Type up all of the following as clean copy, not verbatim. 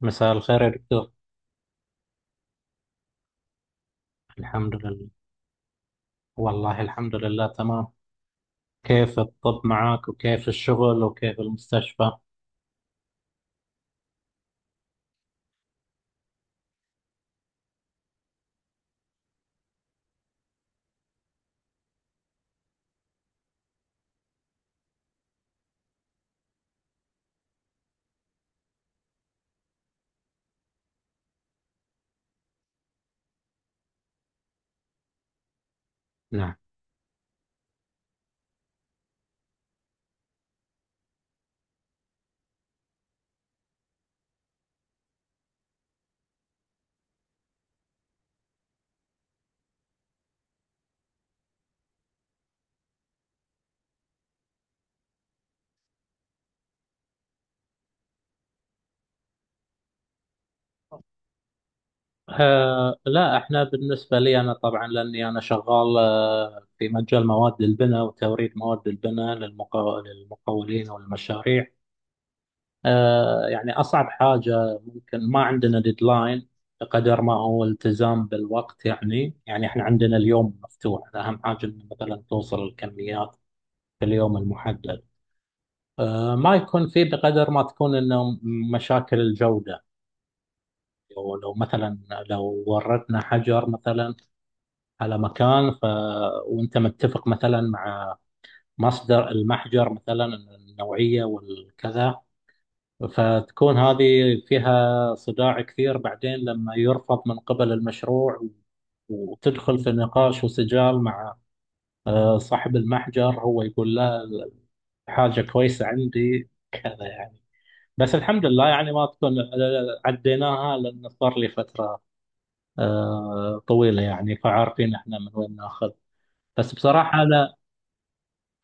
مساء الخير يا دكتور. الحمد لله. والله الحمد لله تمام. كيف الطب معك وكيف الشغل وكيف المستشفى؟ نعم. لا، احنا بالنسبة لي انا، طبعا لاني انا شغال في مجال مواد البناء وتوريد مواد البناء للمقاولين والمشاريع. يعني اصعب حاجة ممكن ما عندنا ديدلاين، بقدر ما هو التزام بالوقت، يعني احنا عندنا اليوم مفتوح، اهم حاجة إن مثلا توصل الكميات في اليوم المحدد. ما يكون فيه بقدر ما تكون انه مشاكل الجودة. لو مثلا، لو وردنا حجر مثلا على مكان. وانت متفق مثلا مع مصدر المحجر مثلا، النوعية والكذا، فتكون هذه فيها صداع كثير بعدين لما يرفض من قبل المشروع، وتدخل في نقاش وسجال مع صاحب المحجر. هو يقول لا، حاجة كويسة عندي كذا يعني. بس الحمد لله يعني ما تكون، عديناها، لأن صار لي فترة طويلة يعني، فعارفين احنا من وين ناخذ. بس بصراحة أنا.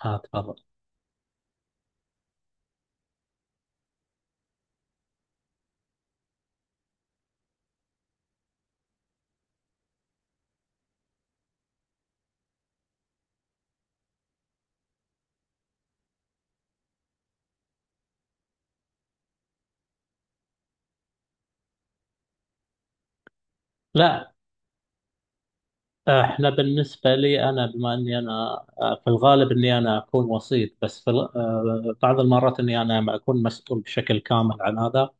آه تفضل. لا، احنا بالنسبة لي أنا، بما أني أنا في الغالب أني أنا أكون وسيط، بس في ال- آه، بعض المرات أني أنا ما أكون مسؤول بشكل كامل عن هذا.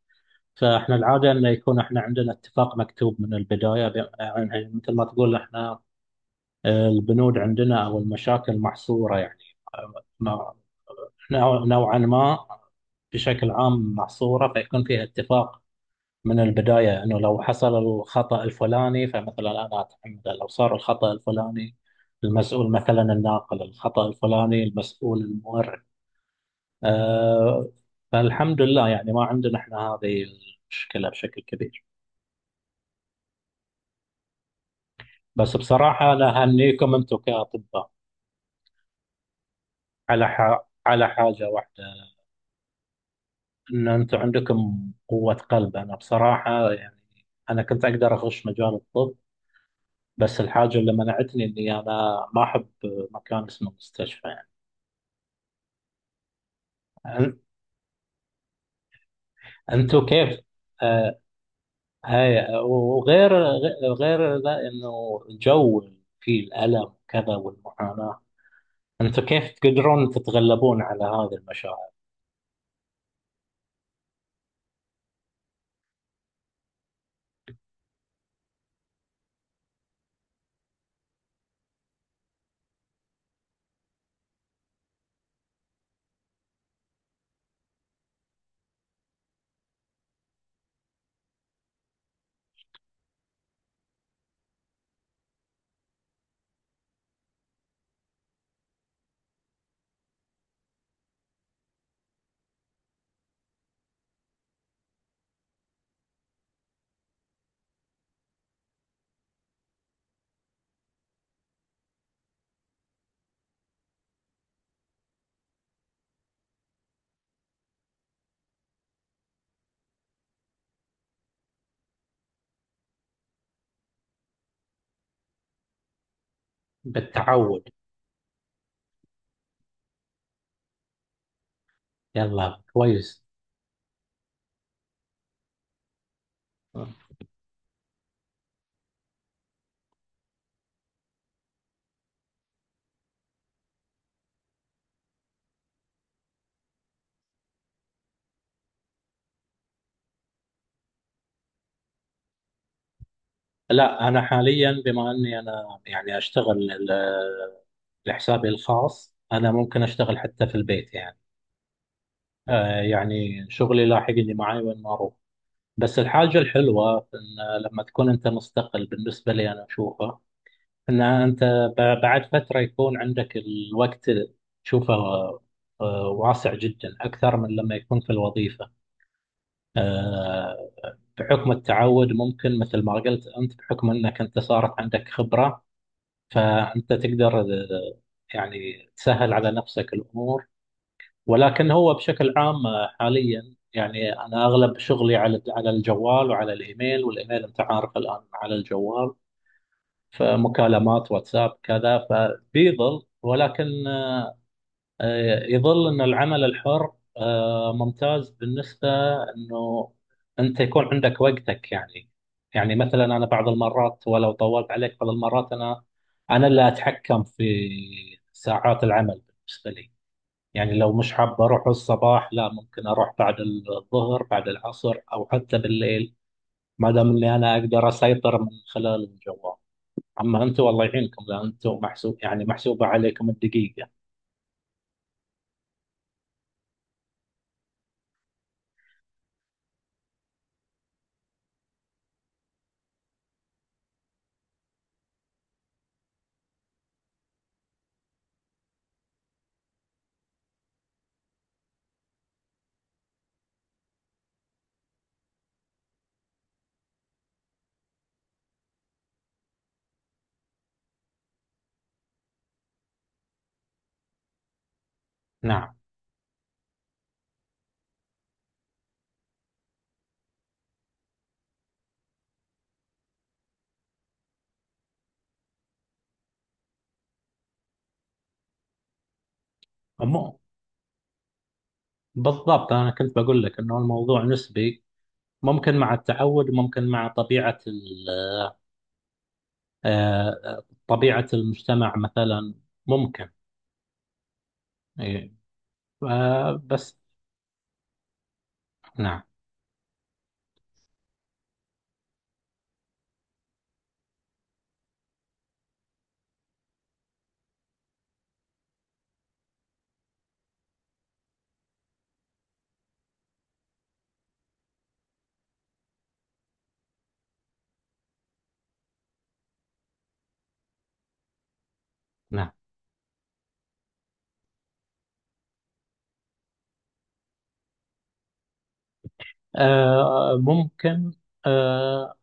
فاحنا العادة أنه يكون احنا عندنا اتفاق مكتوب من البداية، يعني مثل ما تقول احنا، البنود عندنا أو المشاكل محصورة يعني، نوعا ما بشكل عام محصورة، فيكون فيها اتفاق من البداية أنه لو حصل الخطأ الفلاني فمثلا أنا أتحمل، لو صار الخطأ الفلاني المسؤول مثلا الناقل، الخطأ الفلاني المسؤول المورد. أه. فالحمد لله يعني ما عندنا احنا هذه المشكلة بشكل كبير. بس بصراحة أنا أهنيكم أنتم كأطباء على على حاجة واحدة، أن أنتم عندكم قوة قلب. أنا بصراحة يعني أنا كنت أقدر أخش مجال الطب، بس الحاجة اللي منعتني إني أنا ما أحب مكان اسمه مستشفى يعني. أن- أنتوا كيف؟ آه. هاي، وغير غير ذا إنه جو فيه الألم وكذا والمعاناة. أنتوا كيف تقدرون تتغلبون على هذه المشاعر؟ بالتعود. يلا كويس. لا، أنا حاليا بما أني أنا يعني لحسابي الخاص، أنا ممكن أشتغل حتى في البيت يعني. آه يعني شغلي لاحقني معي وين ما أروح. بس الحاجة الحلوة في إن لما تكون أنت مستقل، بالنسبة لي أنا أشوفها إن أنت، بعد فترة يكون عندك الوقت تشوفه واسع جدا أكثر من لما يكون في الوظيفة. آه، بحكم التعود، ممكن مثل ما قلت أنت بحكم أنك أنت صارت عندك خبرة، فأنت تقدر يعني تسهل على نفسك الأمور. ولكن هو بشكل عام حاليا يعني انا اغلب شغلي على الجوال وعلى الايميل، والايميل انت عارف الان على الجوال، فمكالمات واتساب كذا، فبيظل، ولكن يظل ان العمل الحر ممتاز بالنسبه انه انت يكون عندك وقتك يعني. يعني مثلا انا بعض المرات، ولو طولت عليك، بعض المرات انا اللي اتحكم في ساعات العمل بالنسبه لي. يعني لو مش حابة أروح الصباح، لا، ممكن أروح بعد الظهر، بعد العصر، أو حتى بالليل، ما دام إني أنا أقدر أسيطر من خلال الجوال. أما أنتم، والله يعينكم، لأن أنتم محسوب يعني محسوبة عليكم الدقيقة. نعم. مو بالضبط، أنا كنت بقول لك إنه الموضوع نسبي، ممكن مع التعود، ممكن مع طبيعة ال- آه، طبيعة المجتمع مثلا ممكن. إيه. بس نعم. نعم. ممكن. آه،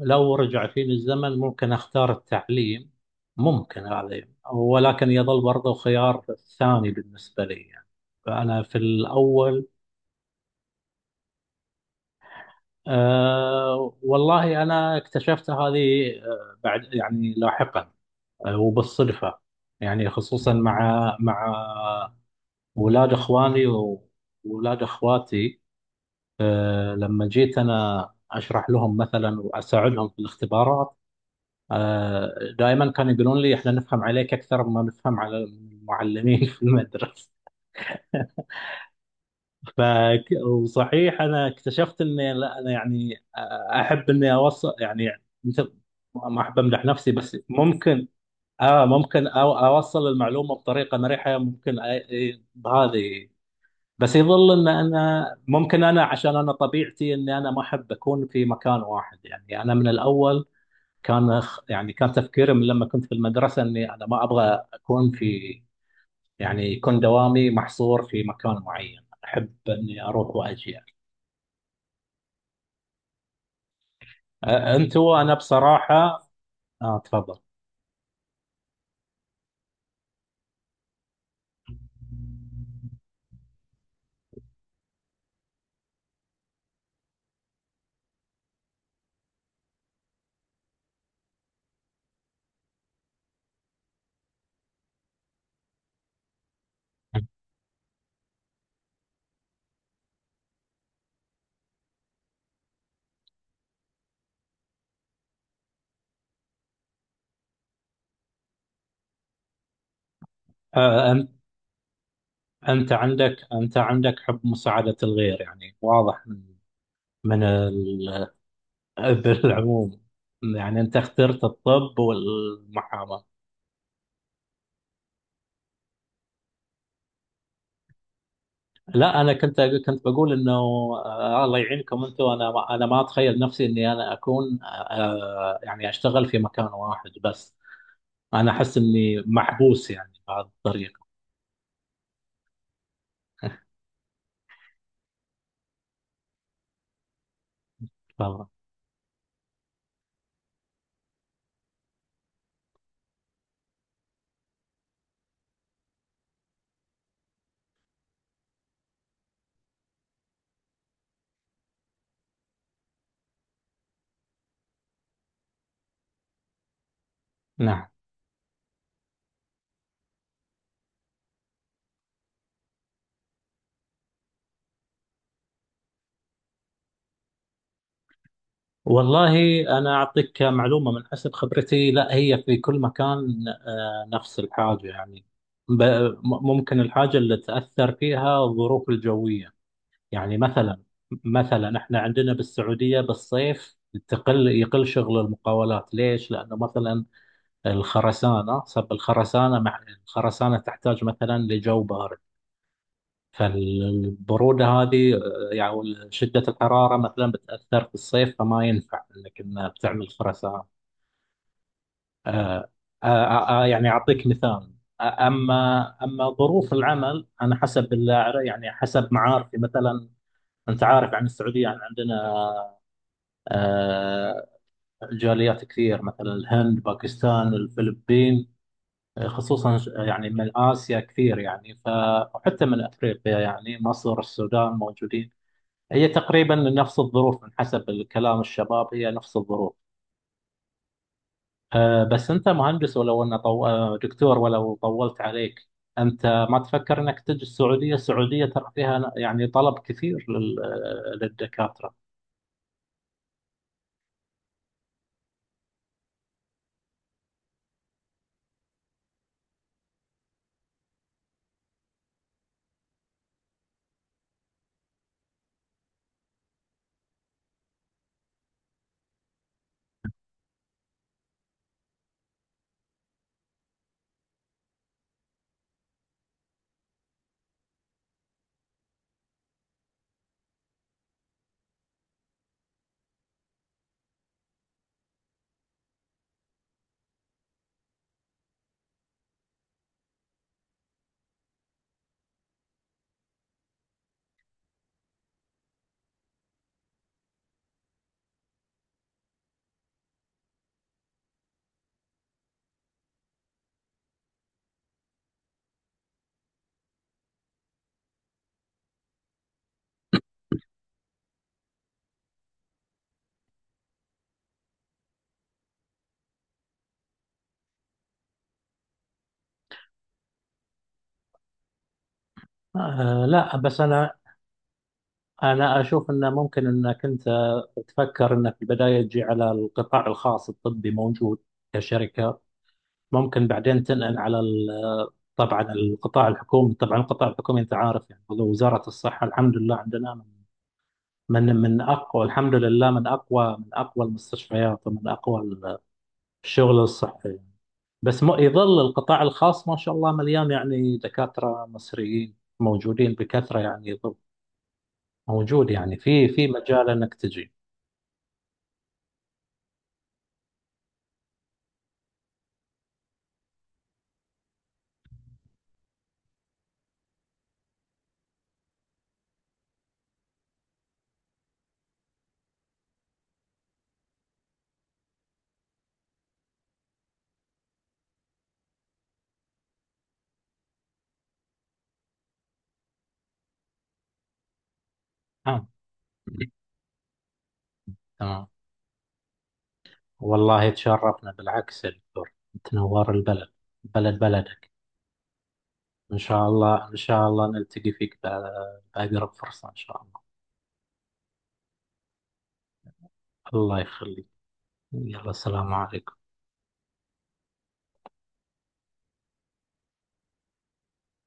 لو رجع فيني الزمن ممكن أختار التعليم. ممكن هذا يعني، ولكن يظل برضه خيار ثاني بالنسبة لي يعني. فأنا في الأول. والله أنا اكتشفت هذه آه بعد يعني لاحقا، وبالصدفة، يعني خصوصا مع ولاد إخواني وولاد إخواتي. لما جيت أنا أشرح لهم مثلا وأساعدهم في الاختبارات، آه، دائما كانوا يقولون لي احنا نفهم عليك اكثر ما نفهم على المعلمين في المدرسه. ف وصحيح انا اكتشفت اني، لا انا يعني احب اني اوصل، يعني مثل ما احب امدح نفسي، بس ممكن. اه، ممكن أو اوصل المعلومه بطريقه مريحه، ممكن بهذه. بس يظل ان انا ممكن انا، عشان انا طبيعتي اني انا ما احب اكون في مكان واحد يعني. انا من الاول يعني كان تفكيري من لما كنت في المدرسة إني أنا ما أبغى أكون في، يعني يكون دوامي محصور في مكان معين، أحب إني أروح وأجي. أنت وأنا بصراحة. آه تفضل. آه أن- أنت عندك حب مساعدة الغير يعني واضح من. بالعموم. يعني أنت اخترت الطب والمحاماة. لا، انا كنت، كنت بقول انه الله يعينكم انتم. انا انا ما اتخيل نفسي اني انا اكون يعني اشتغل في مكان واحد بس. انا احس اني محبوس يعني بهذه الطريقه. فاهمة؟ نعم. والله انا اعطيك معلومه من حسب خبرتي، لا، هي في كل مكان نفس الحاجه يعني. ب- ممكن الحاجه اللي تاثر فيها الظروف الجويه، يعني مثلا، مثلا احنا عندنا بالسعودية بالصيف يقل شغل المقاولات. ليش؟ لأنه مثلا الخرسانة، سب الخرسانة مع الخرسانة، تحتاج مثلا لجو بارد، فالبرودة هذه، يعني شدة الحرارة مثلا بتأثر في الصيف، فما ينفع انك إن بتعمل خرسانة. آه، يعني أعطيك مثال. أما ظروف العمل، أنا حسب يعني حسب معارفي مثلا، أنت عارف عن السعودية يعني عندنا آه، جاليات كثير، مثلا الهند، باكستان، الفلبين، يعني من آسيا كثير يعني. وحتى من أفريقيا يعني، مصر، السودان موجودين. هي تقريبا نفس الظروف، من حسب الكلام الشباب هي نفس الظروف. بس أنت مهندس، ولو أن طو... آه، دكتور، ولو طولت عليك، أنت ما تفكر أنك تجي السعودية؟ السعودية ترى فيها يعني طلب كثير لل... آه، للدكاترة. لا بس أنا، أنا أشوف أنه ممكن أنك أنت تفكر أنك في البداية تجي على القطاع الخاص، الطبي موجود كشركة، ممكن بعدين تنقل على طبعا القطاع الحكومي، طبعا القطاع الحكومي أنت عارف يعني هو وزارة الصحة، الحمد لله عندنا من أقوى، الحمد لله من أقوى المستشفيات ومن أقوى الشغل الصحي. بس يظل القطاع الخاص ما شاء الله مليان يعني، دكاترة مصريين موجودين بكثرة يعني، يظل موجود يعني، في في مجال أنك تجي. آه. تمام. والله تشرفنا بالعكس يا دكتور، تنور البلد، بلد بلدك. إن شاء الله، إن شاء الله نلتقي فيك بأقرب فرصة إن شاء الله. الله يخليك. يلا، السلام عليكم.